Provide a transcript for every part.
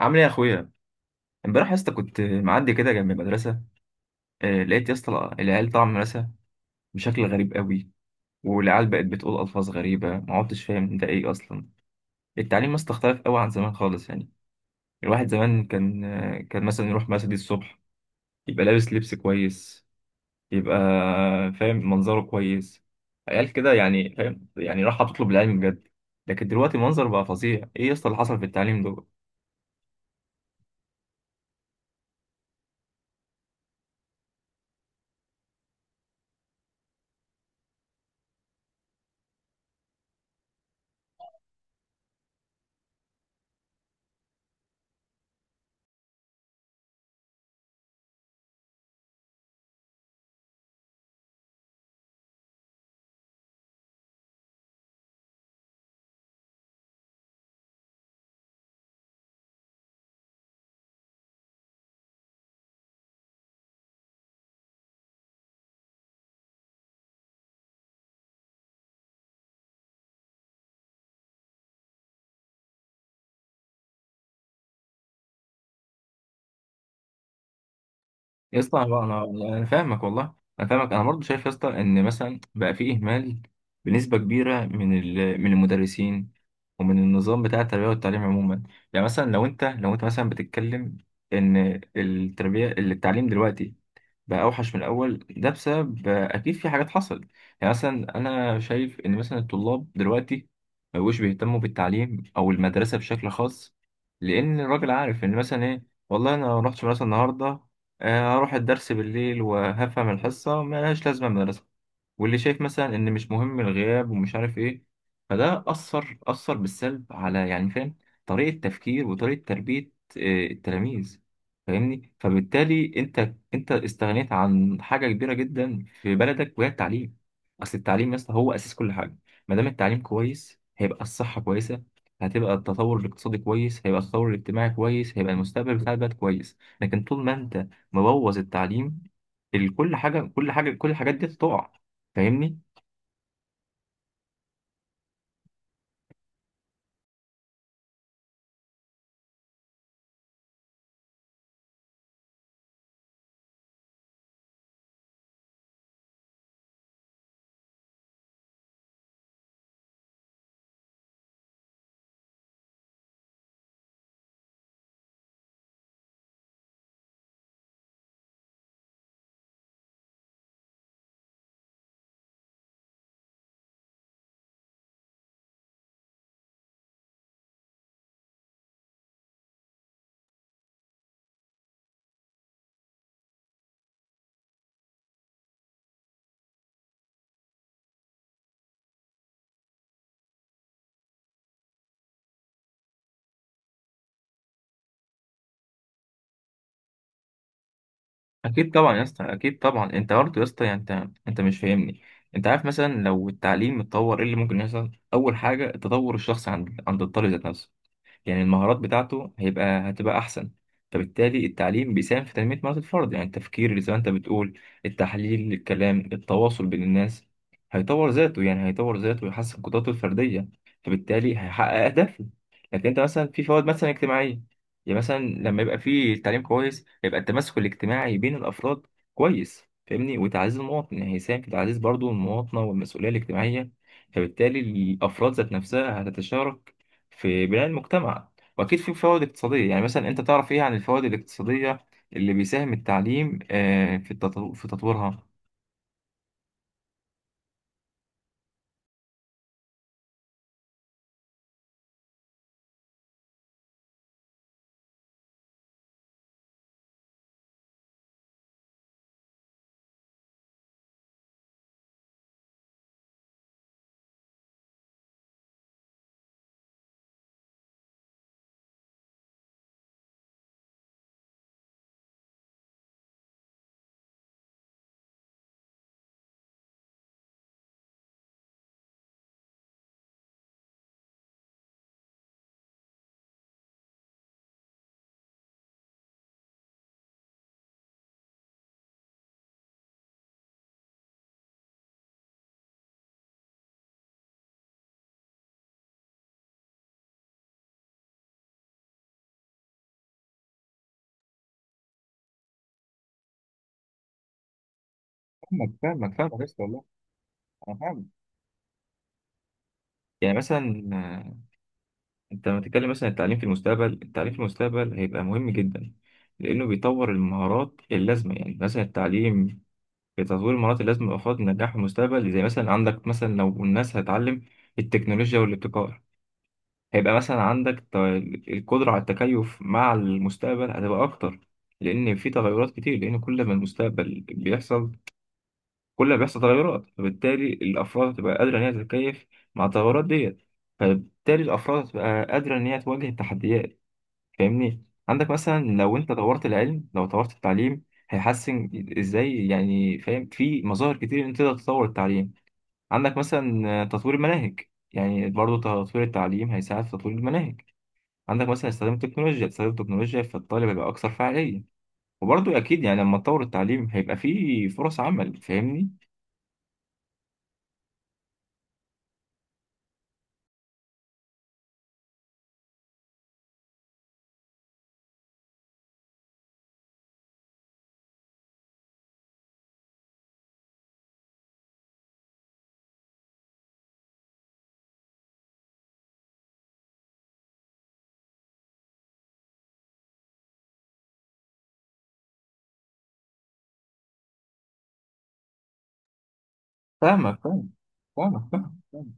عامل ايه يا اخويا؟ امبارح يا اسطى كنت معدي كده جنب المدرسه. لقيت يا اسطى العيال طالعه من المدرسه بشكل غريب قوي. والعيال بقت بتقول الفاظ غريبه، ما عدتش فاهم ده ايه اصلا. التعليم يا اسطى اختلف قوي عن زمان خالص، يعني الواحد زمان كان مثلا يروح مسجد الصبح، يبقى لابس لبس كويس، يبقى فاهم منظره كويس، عيال كده يعني، فاهم؟ يعني راح تطلب العلم بجد. لكن دلوقتي المنظر بقى فظيع. ايه يا اسطى اللي حصل في التعليم ده؟ يا اسطى انا انا أنا فاهمك والله. انا فاهمك، انا برضه شايف يا اسطى ان مثلا بقى في اهمال بنسبه كبيره من من المدرسين، ومن النظام بتاع التربيه والتعليم عموما. يعني مثلا لو انت مثلا بتتكلم ان التربيه التعليم دلوقتي بقى اوحش من الاول، ده بسبب اكيد في حاجات حصلت. يعني مثلا انا شايف ان مثلا الطلاب دلوقتي ما بقوش بيهتموا بالتعليم او المدرسه بشكل خاص، لان الراجل عارف ان مثلا ايه، والله انا ما رحتش مدرسه النهارده. هروح الدرس بالليل وهفهم الحصه، ملهاش لازمه المدرسه. واللي شايف مثلا ان مش مهم الغياب ومش عارف ايه، فده اثر بالسلب على، يعني، فاهم، طريقه تفكير وطريقه تربيه التلاميذ. فاهمني؟ فبالتالي انت استغنيت عن حاجه كبيره جدا في بلدك، وهي التعليم. اصل التعليم يا اسطى هو اساس كل حاجه. ما دام التعليم كويس هيبقى الصحه كويسه، هتبقى التطور الاقتصادي كويس، هيبقى التطور الاجتماعي كويس، هيبقى المستقبل بتاع البلد كويس. لكن طول ما انت مبوظ التعليم، كل حاجه، كل الحاجات دي تقع. فاهمني؟ اكيد طبعا يا اسطى، اكيد طبعا. انت برضه يا اسطى، يعني انت مش فاهمني. انت عارف مثلا لو التعليم اتطور ايه اللي ممكن يحصل؟ اول حاجه التطور الشخصي عند الطالب ذات نفسه. يعني المهارات بتاعته هتبقى أحسن، فبالتالي التعليم بيساهم في تنمية مهارات الفرد، يعني التفكير اللي زي ما أنت بتقول، التحليل، الكلام، التواصل بين الناس. هيطور ذاته، يعني هيطور ذاته ويحسن قدراته الفردية، فبالتالي هيحقق أهدافه. لكن أنت مثلا في فوائد مثلا اجتماعية، يعني مثلا لما يبقى في تعليم كويس هيبقى التماسك الاجتماعي بين الأفراد كويس. فاهمني؟ وتعزيز المواطن، يعني هيساهم في تعزيز برضه المواطنة والمسؤولية الاجتماعية، فبالتالي الأفراد ذات نفسها هتتشارك في بناء المجتمع. واكيد في فوائد اقتصاديه. يعني مثلا انت تعرف ايه عن الفوائد الاقتصاديه اللي بيساهم التعليم في في تطويرها؟ فاهمك يا اسطى، والله انا فاهم. يعني مثلا انت لما تتكلم مثلا عن التعليم في المستقبل، التعليم في المستقبل هيبقى مهم جدا لانه بيطور المهارات اللازمه. يعني مثلا التعليم في تطوير المهارات اللازمه لافراد النجاح في المستقبل، زي مثلا عندك مثلا لو الناس هتتعلم التكنولوجيا والابتكار هيبقى مثلا عندك القدرة على التكيف مع المستقبل هتبقى أكتر. لأن في تغيرات كتير، لأن كل ما المستقبل بيحصل كل ما بيحصل تغيرات، فبالتالي الأفراد هتبقى قادرة إن هي تتكيف مع التغيرات ديت. فبالتالي الأفراد هتبقى قادرة إن هي تواجه التحديات. فاهمني؟ عندك مثلا لو أنت طورت العلم، لو طورت التعليم هيحسن إزاي؟ يعني فاهم؟ في مظاهر كتير إن أنت تقدر تطور التعليم. عندك مثلا تطوير المناهج، يعني برضه تطوير التعليم هيساعد في تطوير المناهج. عندك مثلا استخدام التكنولوجيا، فالطالب هيبقى أكثر فعالية. وبرضه أكيد يعني لما تطور التعليم هيبقى فيه فرص عمل. فاهمني؟ فاهمك، فاهم، فاهمك، فاهم، فاهم.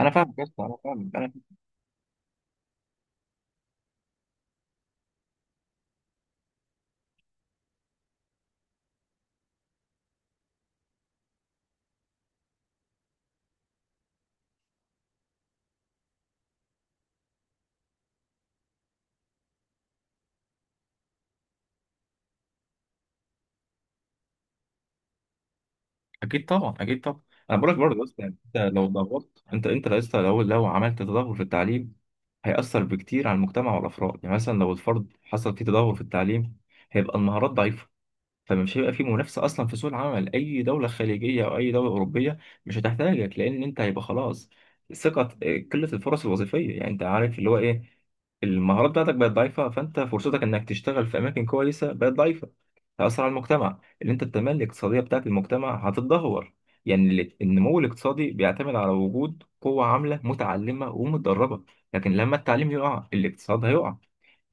أنا فاهمك يا اسطى، أنا فاهمك، أنا فاهمك. أكيد طبعا، أكيد طبعا. أنا بقولك برضه يا اسطى، يعني أنت لو ضغطت، أنت يا اسطى لو عملت تدهور في التعليم هيأثر بكتير على المجتمع والأفراد. يعني مثلا لو الفرد حصل فيه تدهور في التعليم هيبقى المهارات ضعيفة، فمش هيبقى في منافسه اصلا في سوق العمل. اي دوله خليجيه او اي دوله اوروبيه مش هتحتاجك، لان انت هيبقى خلاص، ثقه، قله الفرص الوظيفيه. يعني انت عارف اللي هو ايه، المهارات بتاعتك بقت ضعيفه، فانت فرصتك انك تشتغل في اماكن كويسه بقت ضعيفه. تاثر على المجتمع، اللي انت التنميه الاقتصاديه بتاعت المجتمع هتتدهور. يعني النمو الاقتصادي بيعتمد على وجود قوه عامله متعلمه ومتدربه، لكن لما التعليم يقع الاقتصاد هيقع.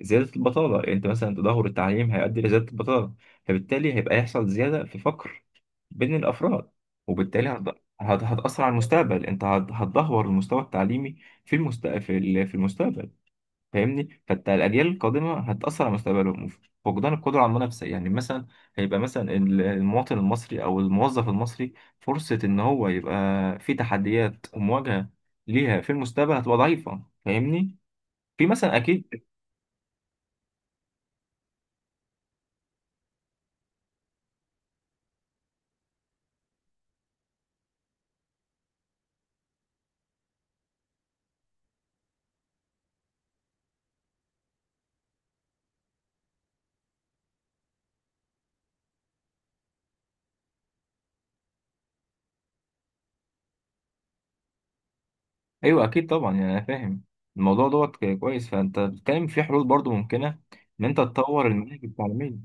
زيادة البطالة، يعني أنت مثلا تدهور التعليم هيؤدي لزيادة البطالة، فبالتالي هيبقى يحصل زيادة في فقر بين الأفراد. وبالتالي هتأثر على المستقبل. أنت هتدهور المستوى التعليمي في في المستقبل. فاهمني؟ فالأجيال القادمة هتأثر على مستقبلهم. فقدان القدرة على المنافسة، يعني مثلا هيبقى مثلا المواطن المصري أو الموظف المصري فرصة إن هو يبقى في تحديات ومواجهة ليها في المستقبل هتبقى ضعيفة. فاهمني؟ في مثلا أكيد. ايوه اكيد طبعا، يعني انا فاهم الموضوع دوت كويس. فانت بتتكلم في حلول برضو ممكنه، ان انت تطور المناهج التعليميه.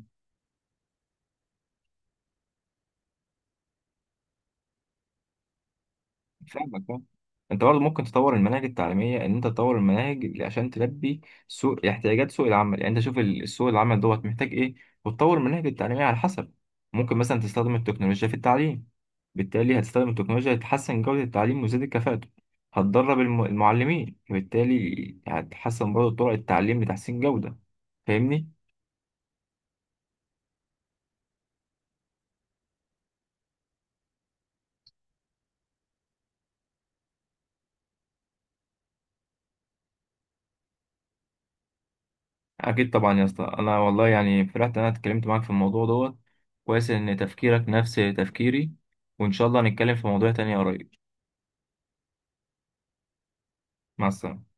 فاهمك، فاهم. انت برضو ممكن تطور المناهج التعليميه، ان انت تطور المناهج عشان تلبي احتياجات سوق العمل. يعني انت شوف السوق العمل دوت محتاج ايه، وتطور المناهج التعليميه على حسب. ممكن مثلا تستخدم التكنولوجيا في التعليم، بالتالي هتستخدم التكنولوجيا لتحسن جوده التعليم وتزيد الكفاءه. هتدرب المعلمين، وبالتالي هتحسن برضو طرق التعليم لتحسين جوده. فاهمني؟ اكيد طبعا يا اسطى، انا والله يعني فرحت ان انا اتكلمت معاك في الموضوع دوت. كويس ان تفكيرك نفس تفكيري، وان شاء الله نتكلم في موضوع تاني قريب. مع السلامه.